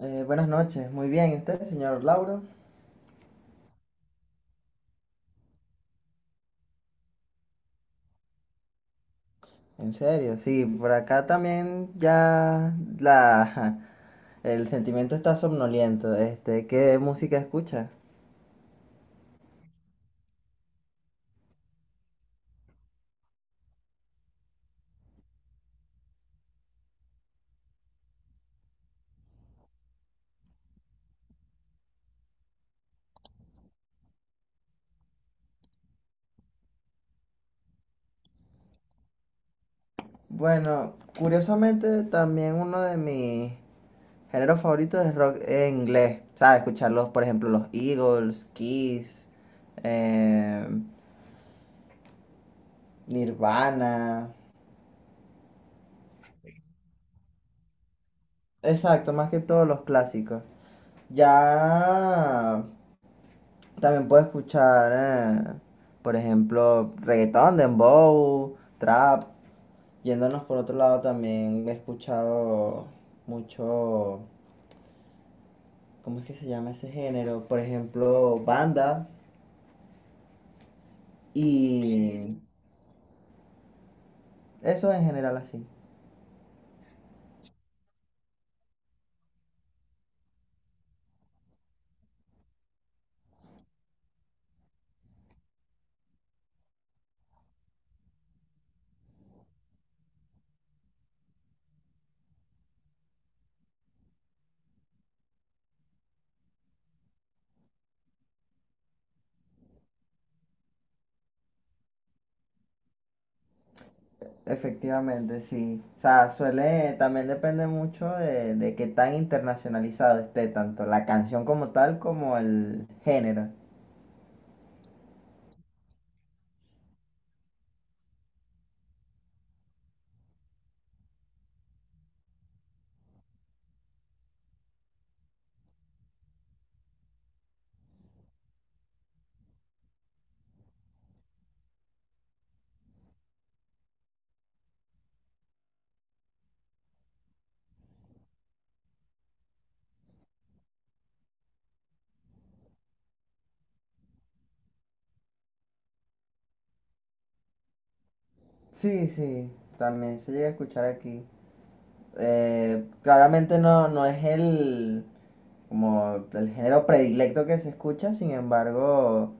Buenas noches, muy bien. ¿Y usted, señor Lauro? En serio, sí, por acá también ya la, el sentimiento está somnoliento. Este, ¿qué música escucha? Bueno, curiosamente también uno de mis géneros favoritos es rock en inglés. ¿Sabes? Escucharlos, por ejemplo, los Eagles, Kiss, eh, Nirvana. Exacto, más que todos los clásicos. Ya también puedo escuchar, eh, por ejemplo, reggaetón, dembow, trap. Yéndonos por otro lado, también he escuchado mucho, ¿cómo es que se llama ese género? Por ejemplo, banda y eso en general así. Efectivamente, sí. O sea, suele, también depende mucho de qué tan internacionalizado esté, tanto la canción como tal como el género. Sí, sí, también se llega a escuchar aquí. Claramente no es como el género predilecto que se escucha. Sin embargo,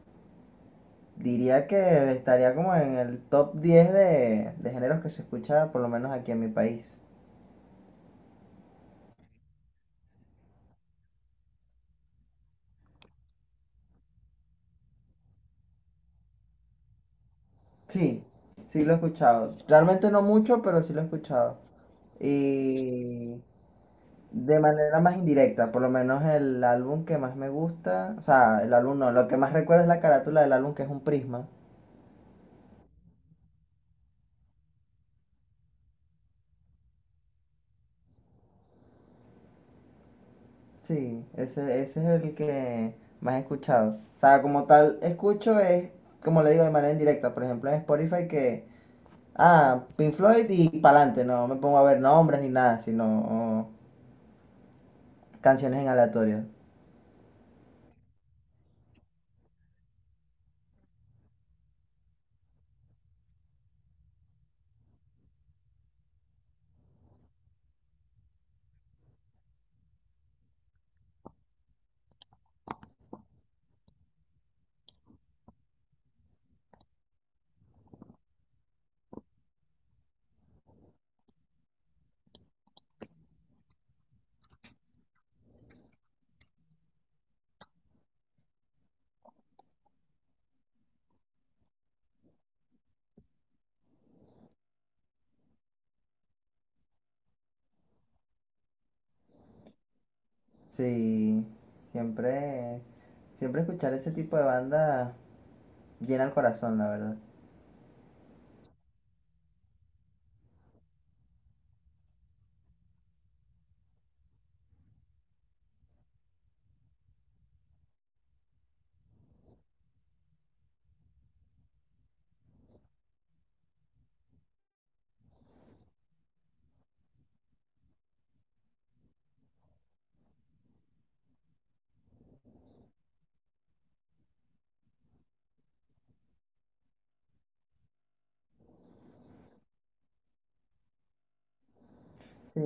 diría que estaría como en el top 10 de géneros que se escucha, por lo menos aquí en mi país. Sí, sí lo he escuchado. Realmente no mucho, pero sí lo he escuchado. Y de manera más indirecta, por lo menos el álbum que más me gusta, o sea, el álbum no, lo que más recuerdo es la carátula del álbum, que es un prisma. Sí, ese es el que más he escuchado. O sea, como tal, escucho es, como le digo, de manera indirecta. Por ejemplo, en Spotify que, ah, Pink Floyd y pa'lante. No me pongo a ver nombres ni nada, sino canciones en aleatorio. Sí, siempre, siempre escuchar ese tipo de banda llena el corazón, la verdad. Sí.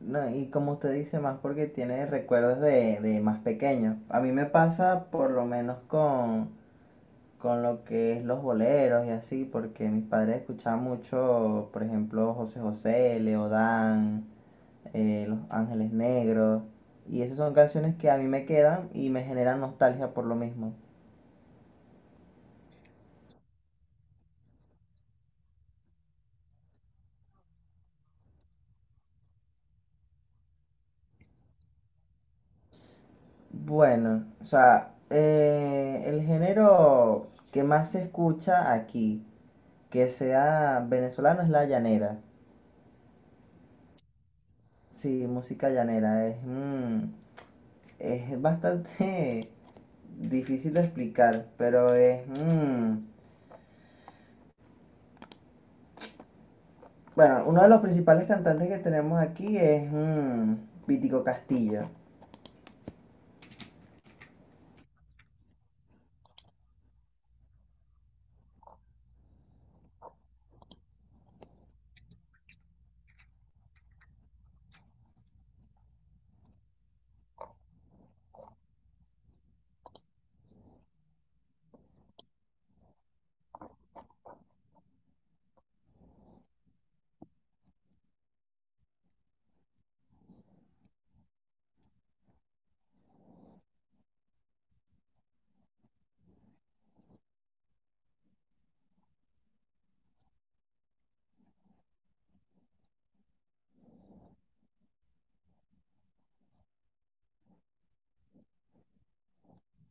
No, y como usted dice, más porque tiene recuerdos de más pequeño. A mí me pasa por lo menos con lo que es los boleros y así, porque mis padres escuchaban mucho, por ejemplo, José José, Leodán, Los Ángeles Negros, y esas son canciones que a mí me quedan y me generan nostalgia por lo mismo. Bueno, o sea, el género que más se escucha aquí, que sea venezolano, es la llanera. Sí, música llanera, es, es bastante difícil de explicar, pero es... mm, Bueno, uno de los principales cantantes que tenemos aquí es Vítico Castillo.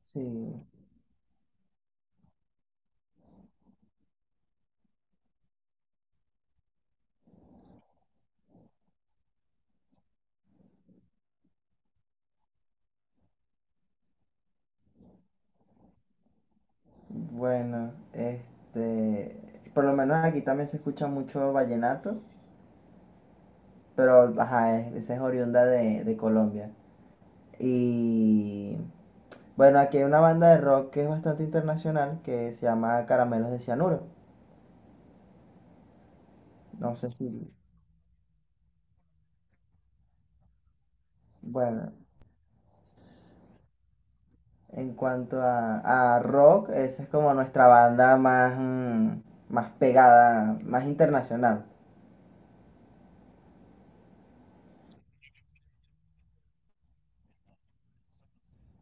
Sí. Bueno, este, por lo menos aquí también se escucha mucho vallenato, pero ajá, esa es oriunda de Colombia. Y bueno, aquí hay una banda de rock que es bastante internacional, que se llama Caramelos de Cianuro. No sé si, bueno, en cuanto a rock, esa es como nuestra banda más, más pegada, más internacional.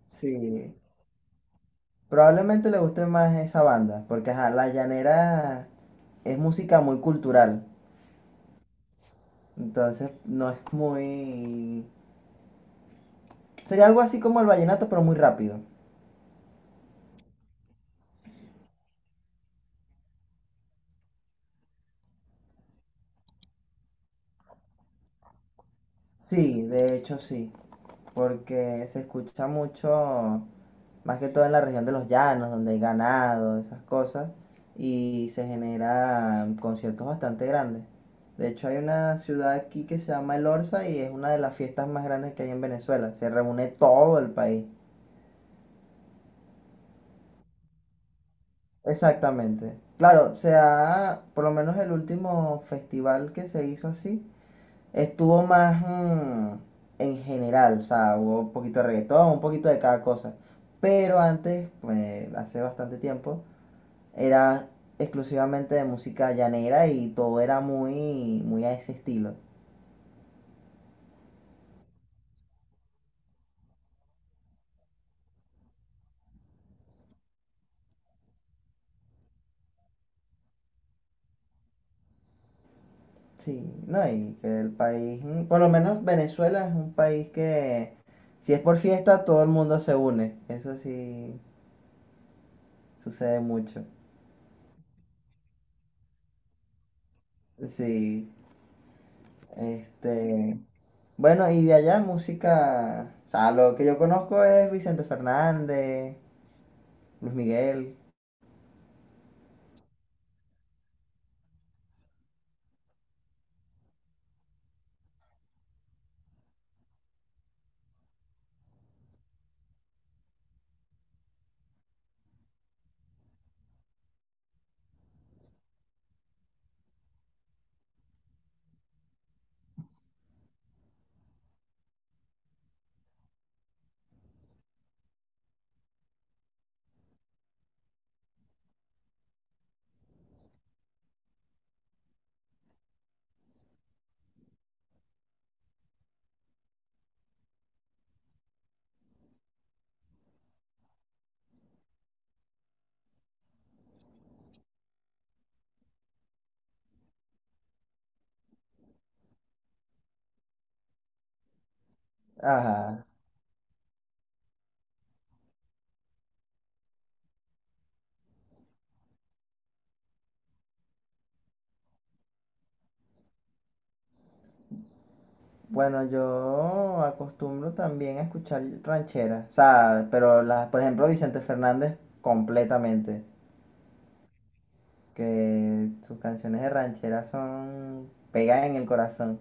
Sí, probablemente le guste más esa banda, porque ajá, La Llanera es música muy cultural, entonces no es muy... Sería algo así como el vallenato, pero muy rápido. Sí, de hecho sí, porque se escucha mucho, más que todo en la región de los llanos, donde hay ganado, esas cosas, y se generan conciertos bastante grandes. De hecho, hay una ciudad aquí que se llama El Orza y es una de las fiestas más grandes que hay en Venezuela. Se reúne todo el país. Exactamente. Claro, o sea, por lo menos el último festival que se hizo así estuvo más en general. O sea, hubo un poquito de reggaetón, un poquito de cada cosa. Pero antes, pues, hace bastante tiempo, era exclusivamente de música llanera y todo era muy, muy a ese estilo. Sí, no, y que el país, mm, por lo menos Venezuela es un país que, si es por fiesta, todo el mundo se une. Eso sí sucede mucho. Sí, este, bueno, y de allá música, o sea, lo que yo conozco es Vicente Fernández, Luis Miguel, ajá. Bueno, yo acostumbro también a escuchar rancheras, o sea, pero las, por ejemplo, Vicente Fernández completamente, que sus canciones de ranchera son, pegan en el corazón.